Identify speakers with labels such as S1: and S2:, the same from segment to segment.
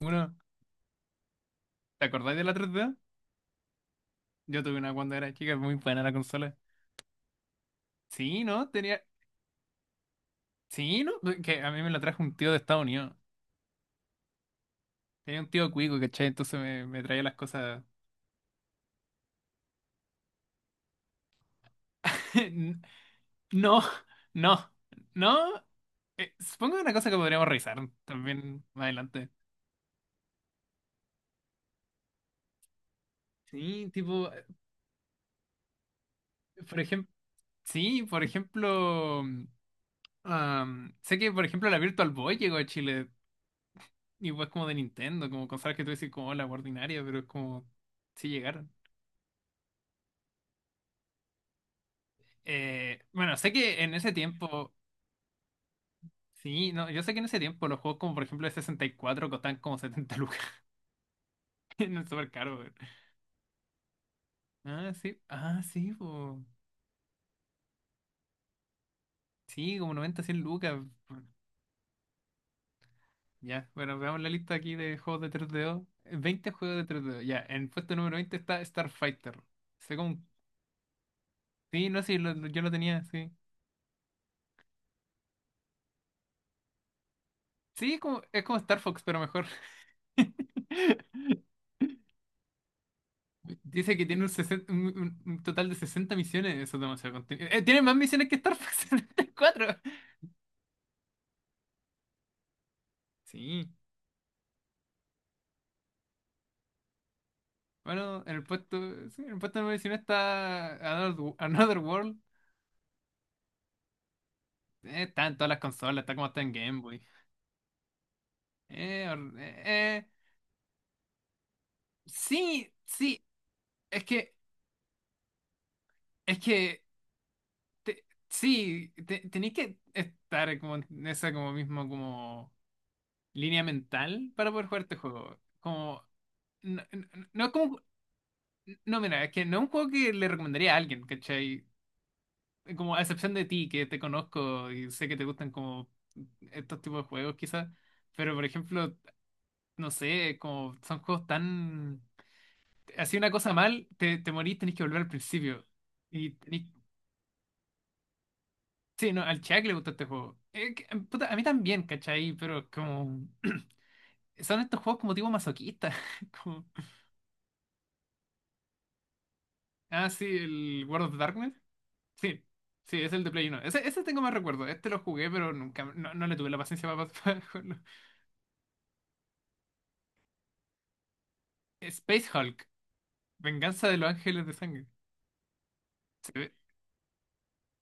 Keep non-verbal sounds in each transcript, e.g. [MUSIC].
S1: Uno, ¿te acordáis de la 3D? Yo tuve una cuando era chica, muy buena la consola. Sí, ¿no? Tenía. Sí, ¿no? Pues, que a mí me la trajo un tío de Estados Unidos. Tenía un tío cuico, ¿cachai? Entonces me traía las cosas. [LAUGHS] N- No, no, no. Supongo que una cosa que podríamos revisar también más adelante. Sí, tipo, por ejemplo. Sí, por ejemplo. Sé que, por ejemplo, la Virtual Boy llegó a Chile. Y es como de Nintendo, como cosas que tú decís como la ordinaria, pero es como. Sí llegaron. Bueno, sé que en ese tiempo, sí, no, yo sé que en ese tiempo los juegos como por ejemplo el 64 costaban como 70 lucas [LAUGHS] en el supercaro. Ah, sí, ah, sí, po. Sí, como 90 100 lucas. Bueno, ya, bueno, veamos la lista aquí de juegos de 3DO. 20 juegos de 3DO, ya, en puesto número 20 está Starfighter. Sé como, sí, no sé, sí, yo lo tenía, sí. Sí, es como Star Fox, pero mejor. [LAUGHS] Dice que tiene 60 un total de 60 misiones. Eso es demasiado contenido. Tiene más misiones que Star Fox 74. Sí. Bueno, en el puesto, sí, en el puesto número 19 está Another World. Está en todas las consolas, está como está en Game Boy. Eh, or- eh, eh, sí, sí. Es que, es que, sí, tenéis que estar como en esa como mismo como línea mental para poder jugar este juego. Como no, no es como... No, mira, es que no es un juego que le recomendaría a alguien, ¿cachai? Como a excepción de ti, que te conozco y sé que te gustan como estos tipos de juegos, quizás. Pero, por ejemplo, no sé, como son juegos tan... Así una cosa mal, te morís, tenés que volver al principio. Y tenés- Sí, no, al Chuck le gusta este juego. Puta, a mí también, ¿cachai? Pero como... [CLEARS THROAT] Son estos juegos como tipo masoquista. [LAUGHS] Como... Ah, sí, el World of Darkness. Sí, sí, es el de Play uno. Ese tengo más recuerdo. Este lo jugué, pero nunca, no, no le tuve la paciencia para, [LAUGHS] para jugarlo. Space Hulk, Venganza de los Ángeles de Sangre. Se ve-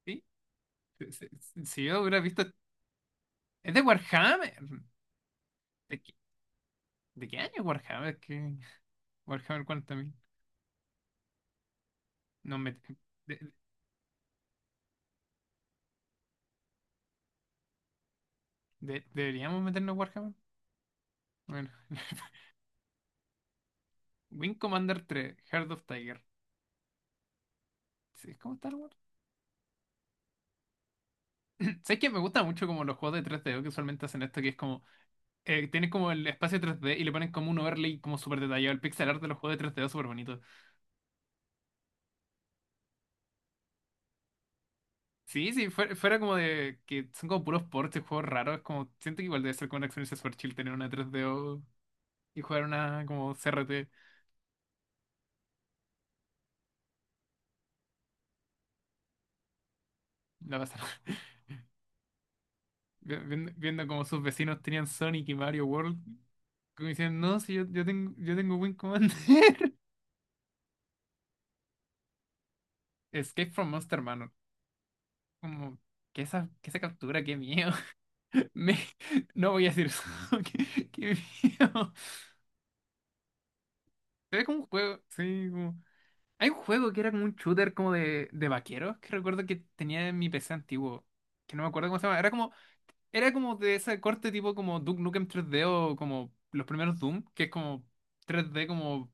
S1: sí, si yo hubiera visto... Es de Warhammer. ¿De qué, de qué año es Warhammer? Warhammer 40.000. No, de- ¿Deberíamos meternos Warhammer? Bueno. [LAUGHS] Wing Commander 3, Heart of Tiger. Sí, ¿cómo Star Wars? [CLEARS THROAT] ¿Sabes que me gusta mucho como los juegos de 3DO que usualmente hacen esto, que es como tienes como el espacio 3D y le ponen como un overlay como súper detallado? El pixel art de los juegos de 3D es súper bonito. Sí, sí, fuera como de que son como puros ports y juegos raros. Como, siento que igual debe ser como una experiencia súper chill tener una tres d y jugar una como CRT. La pasar. [LAUGHS] Viendo como sus vecinos tenían Sonic y Mario World. Como diciendo, no, si yo tengo Wing Commander. [LAUGHS] Escape from Monster Manor. Como, que esa captura, qué miedo. [LAUGHS] Me- no voy a decir eso. [LAUGHS] Qué miedo. Se ve como un juego, sí, como... Hay un juego que era como un shooter como de vaqueros, que recuerdo que tenía en mi PC antiguo, que no me acuerdo cómo se llama. Era como de ese corte tipo como Duke Nukem 3D o como los primeros Doom, que es como 3D como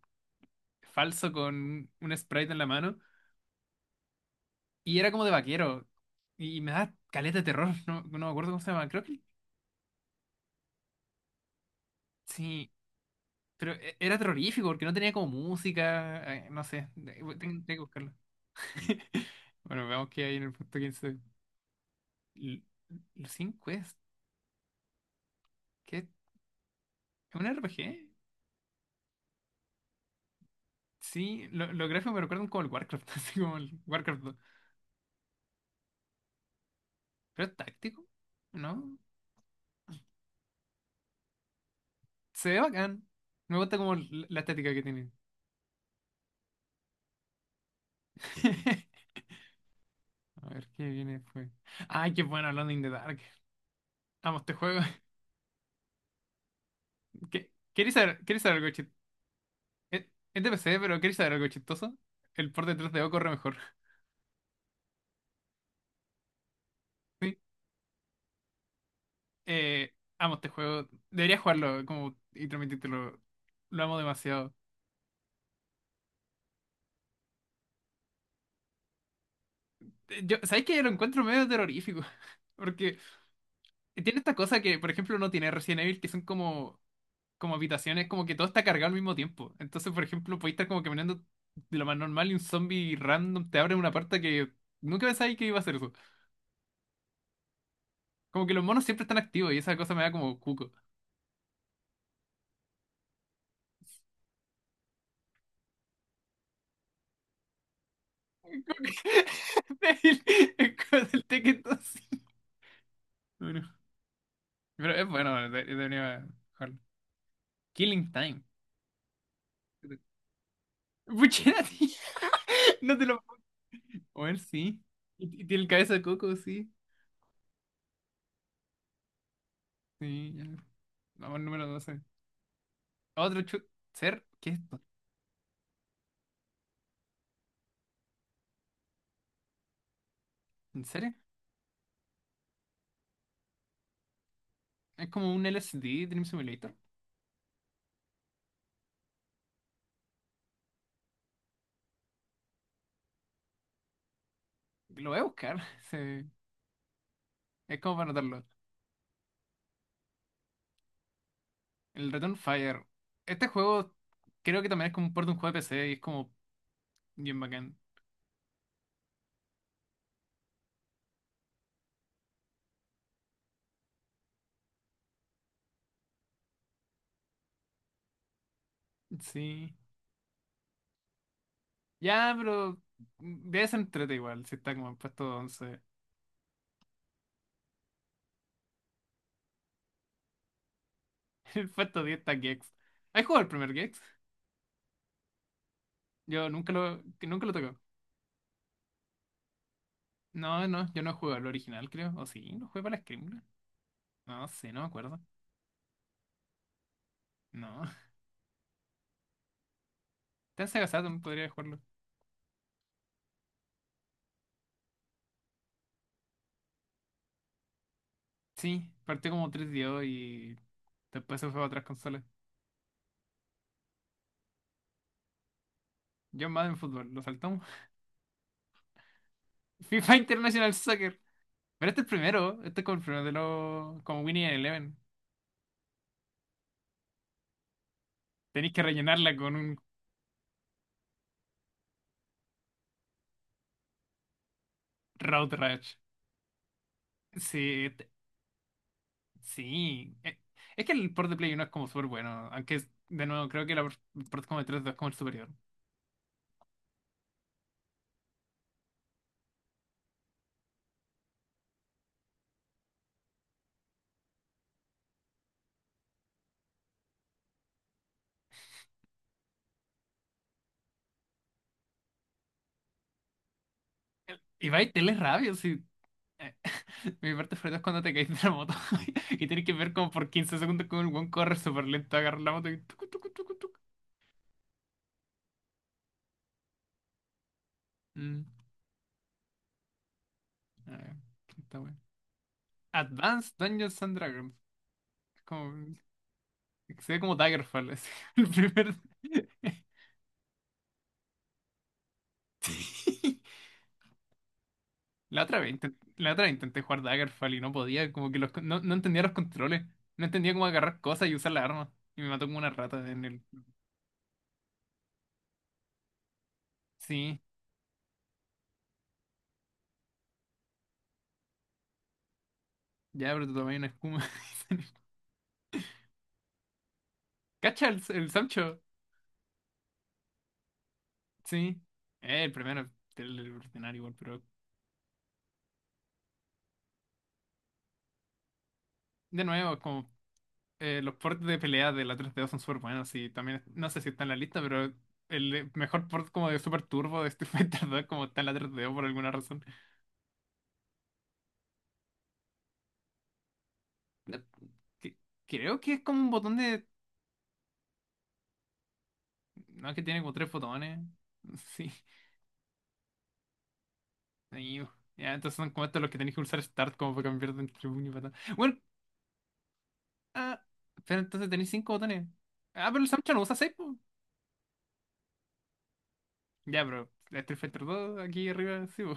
S1: falso con un sprite en la mano. Y era como de vaquero. Y me da caleta de terror, [LAUGHS] no, no me acuerdo cómo se llama. Creo que sí, pero era terrorífico porque no tenía como música, no sé, tengo que buscarlo. [LAUGHS] Bueno, veamos qué hay en el punto 15. L- Los cinco Quest, ¿qué? ¿Es un RPG? Sí, los gráficos me recuerdan como el Warcraft, [LAUGHS] así como el Warcraft 2. Pero es táctico, ¿no? Se ve bacán. Me gusta como la estética que tiene. [LAUGHS] A ver, ¿qué viene después? Ay, qué bueno, hablando in the Dark. Amo este juego. [LAUGHS] ¿Queréis saber algo chistoso? Es es de PC, pero ¿queréis saber algo chistoso? El port de 3DO corre mejor. [LAUGHS] Sí. Amo este juego. Debería jugarlo como, y transmitírtelo. Lo amo demasiado. Yo, ¿sabes que lo encuentro medio terrorífico? [LAUGHS] Porque tiene esta cosa que, por ejemplo, no tiene Resident Evil, que son como habitaciones, como que todo está cargado al mismo tiempo. Entonces, por ejemplo, podéis estar como caminando de lo más normal y un zombie random te abre una puerta que nunca pensáis que iba a hacer eso. Como que los monos siempre están activos y esa cosa me da como cuco. [LAUGHS] Débil, es como del Tekken 2. Bueno, pero es bueno, debería jugarlo. Killing Time. Puchera, [LAUGHS] no te lo. A sí. Y tiene el cabeza de coco, sí. Sí, ya. Vamos al número 12. Otro ser, ¿qué es esto? ¿En serio? Es como un LSD Dream Simulator. Lo voy a buscar. [LAUGHS] Sí. Es como para notarlo. El Return Fire. Este juego creo que también es como un port de un juego de PC y es como bien bacán. Sí. Ya, pero debe ser entrete igual, si está como en puesto 11. [LAUGHS] En puesto 10 está Gex. ¿Has jugado el primer Gex? Yo nunca lo, que nunca lo tocó. No, no, yo no he jugado el original, creo. ¿O sí? ¿No jugué para la Scream? No sé, no me acuerdo. No. Está en Sega Saturn, podría jugarlo. Sí, partió como 3DO y después se fue a otras consolas. Yo más en fútbol, lo saltamos. [LAUGHS] FIFA International Soccer. Pero este es el primero, este es como el primero de los... como Winnie Eleven. Tenéis que rellenarla con un Road Rash. Sí, sí. Es que el port de Play 1 es como súper bueno, aunque de nuevo creo que el port como de 3 es como el superior. Y va y tenés rabia, sí. Eh, Mi parte favorita es cuando te caes de la moto [LAUGHS] y tienes que ver como por 15 segundos como el buen corre súper lento, agarra la moto y tucu, tucu, tucu, tucu. Mm, a ver, está bueno. Advanced Dungeons and Dragons. Es Como, Se ve como Daggerfall, así, [LAUGHS] el primer... [LAUGHS] Sí. La otra vez intenté jugar Daggerfall y no podía, como que no entendía los controles. No entendía cómo agarrar cosas y usar la arma. Y me mató como una rata en el... Sí, ya, pero te tomé una espuma. [LAUGHS] Cacha el Sancho. Sí, el primero del ordinario igual, pero de nuevo, como los ports de pelea de la 3DO son súper buenos y también, no sé si está en la lista, pero el mejor port como de Super Turbo de Street Fighter 2 como está en la 3DO por alguna razón. Eh, que- Creo que es como un botón de... No, que tiene como tres botones. [LAUGHS] Sí, ahí, ya, entonces son como estos los que tenéis que usar Start como para cambiar de entre puño y patada. Bueno, ah, pero entonces tenéis cinco botones. Ah, pero el Samcha no usa seis, po. Ya, pero Street Fighter 2 aquí arriba, sí, po.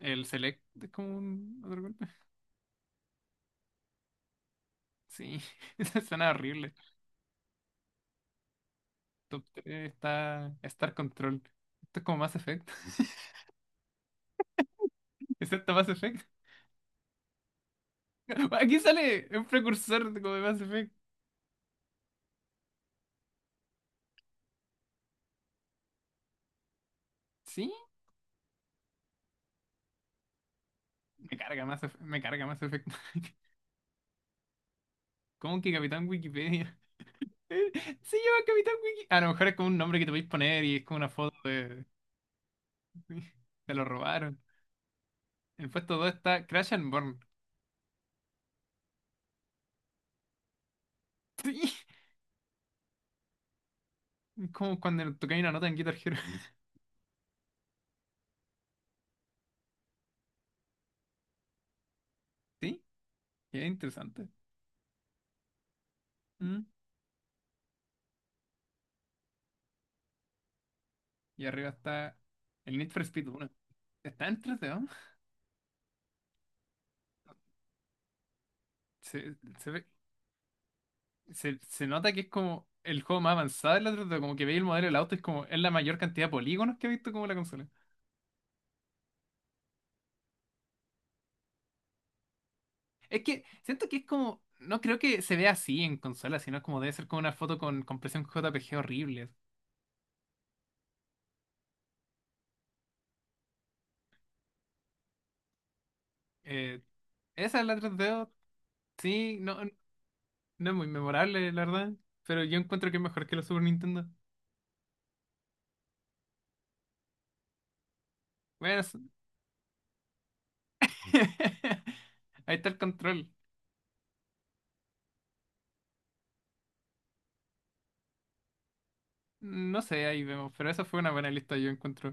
S1: El Select es como un otro golpe. Sí, [LAUGHS] eso suena horrible. Top 3 está Star Control. Esto es como Mass Effect. [LAUGHS] ¿Excepto Mass Effect? [LAUGHS] Aquí sale un precursor de como de Mass Effect. Sí, me carga Mass Effect. Me carga Mass Effect. [LAUGHS] ¿Cómo que Capitán Wikipedia? [LAUGHS] Eh, Se llama Capitán Wiki. A lo mejor es como un nombre que te podéis poner y es como una foto de. [LAUGHS] Sí, te lo robaron. En el puesto 2 está Crash and Burn. [LAUGHS] Sí, como cuando tocáis una nota en Guitar Hero. [LAUGHS] Sí, es interesante. Mm. Y arriba está el Need for Speed uno. Está en 3D, ¿no? Se, se ve- Se nota que es como el juego más avanzado de la 3D. Como que veis el modelo del auto, es como es la mayor cantidad de polígonos que he visto como la consola. Es que siento que es como. No creo que se vea así en consola, sino como debe ser como una foto con compresión JPG horrible. Eh, Esa es la 3D, sí, no, no es muy memorable, la verdad. Pero yo encuentro que es mejor que la Super Nintendo. Bueno, [LAUGHS] ahí está el control. No sé, ahí vemos, pero esa fue una buena lista, yo encuentro.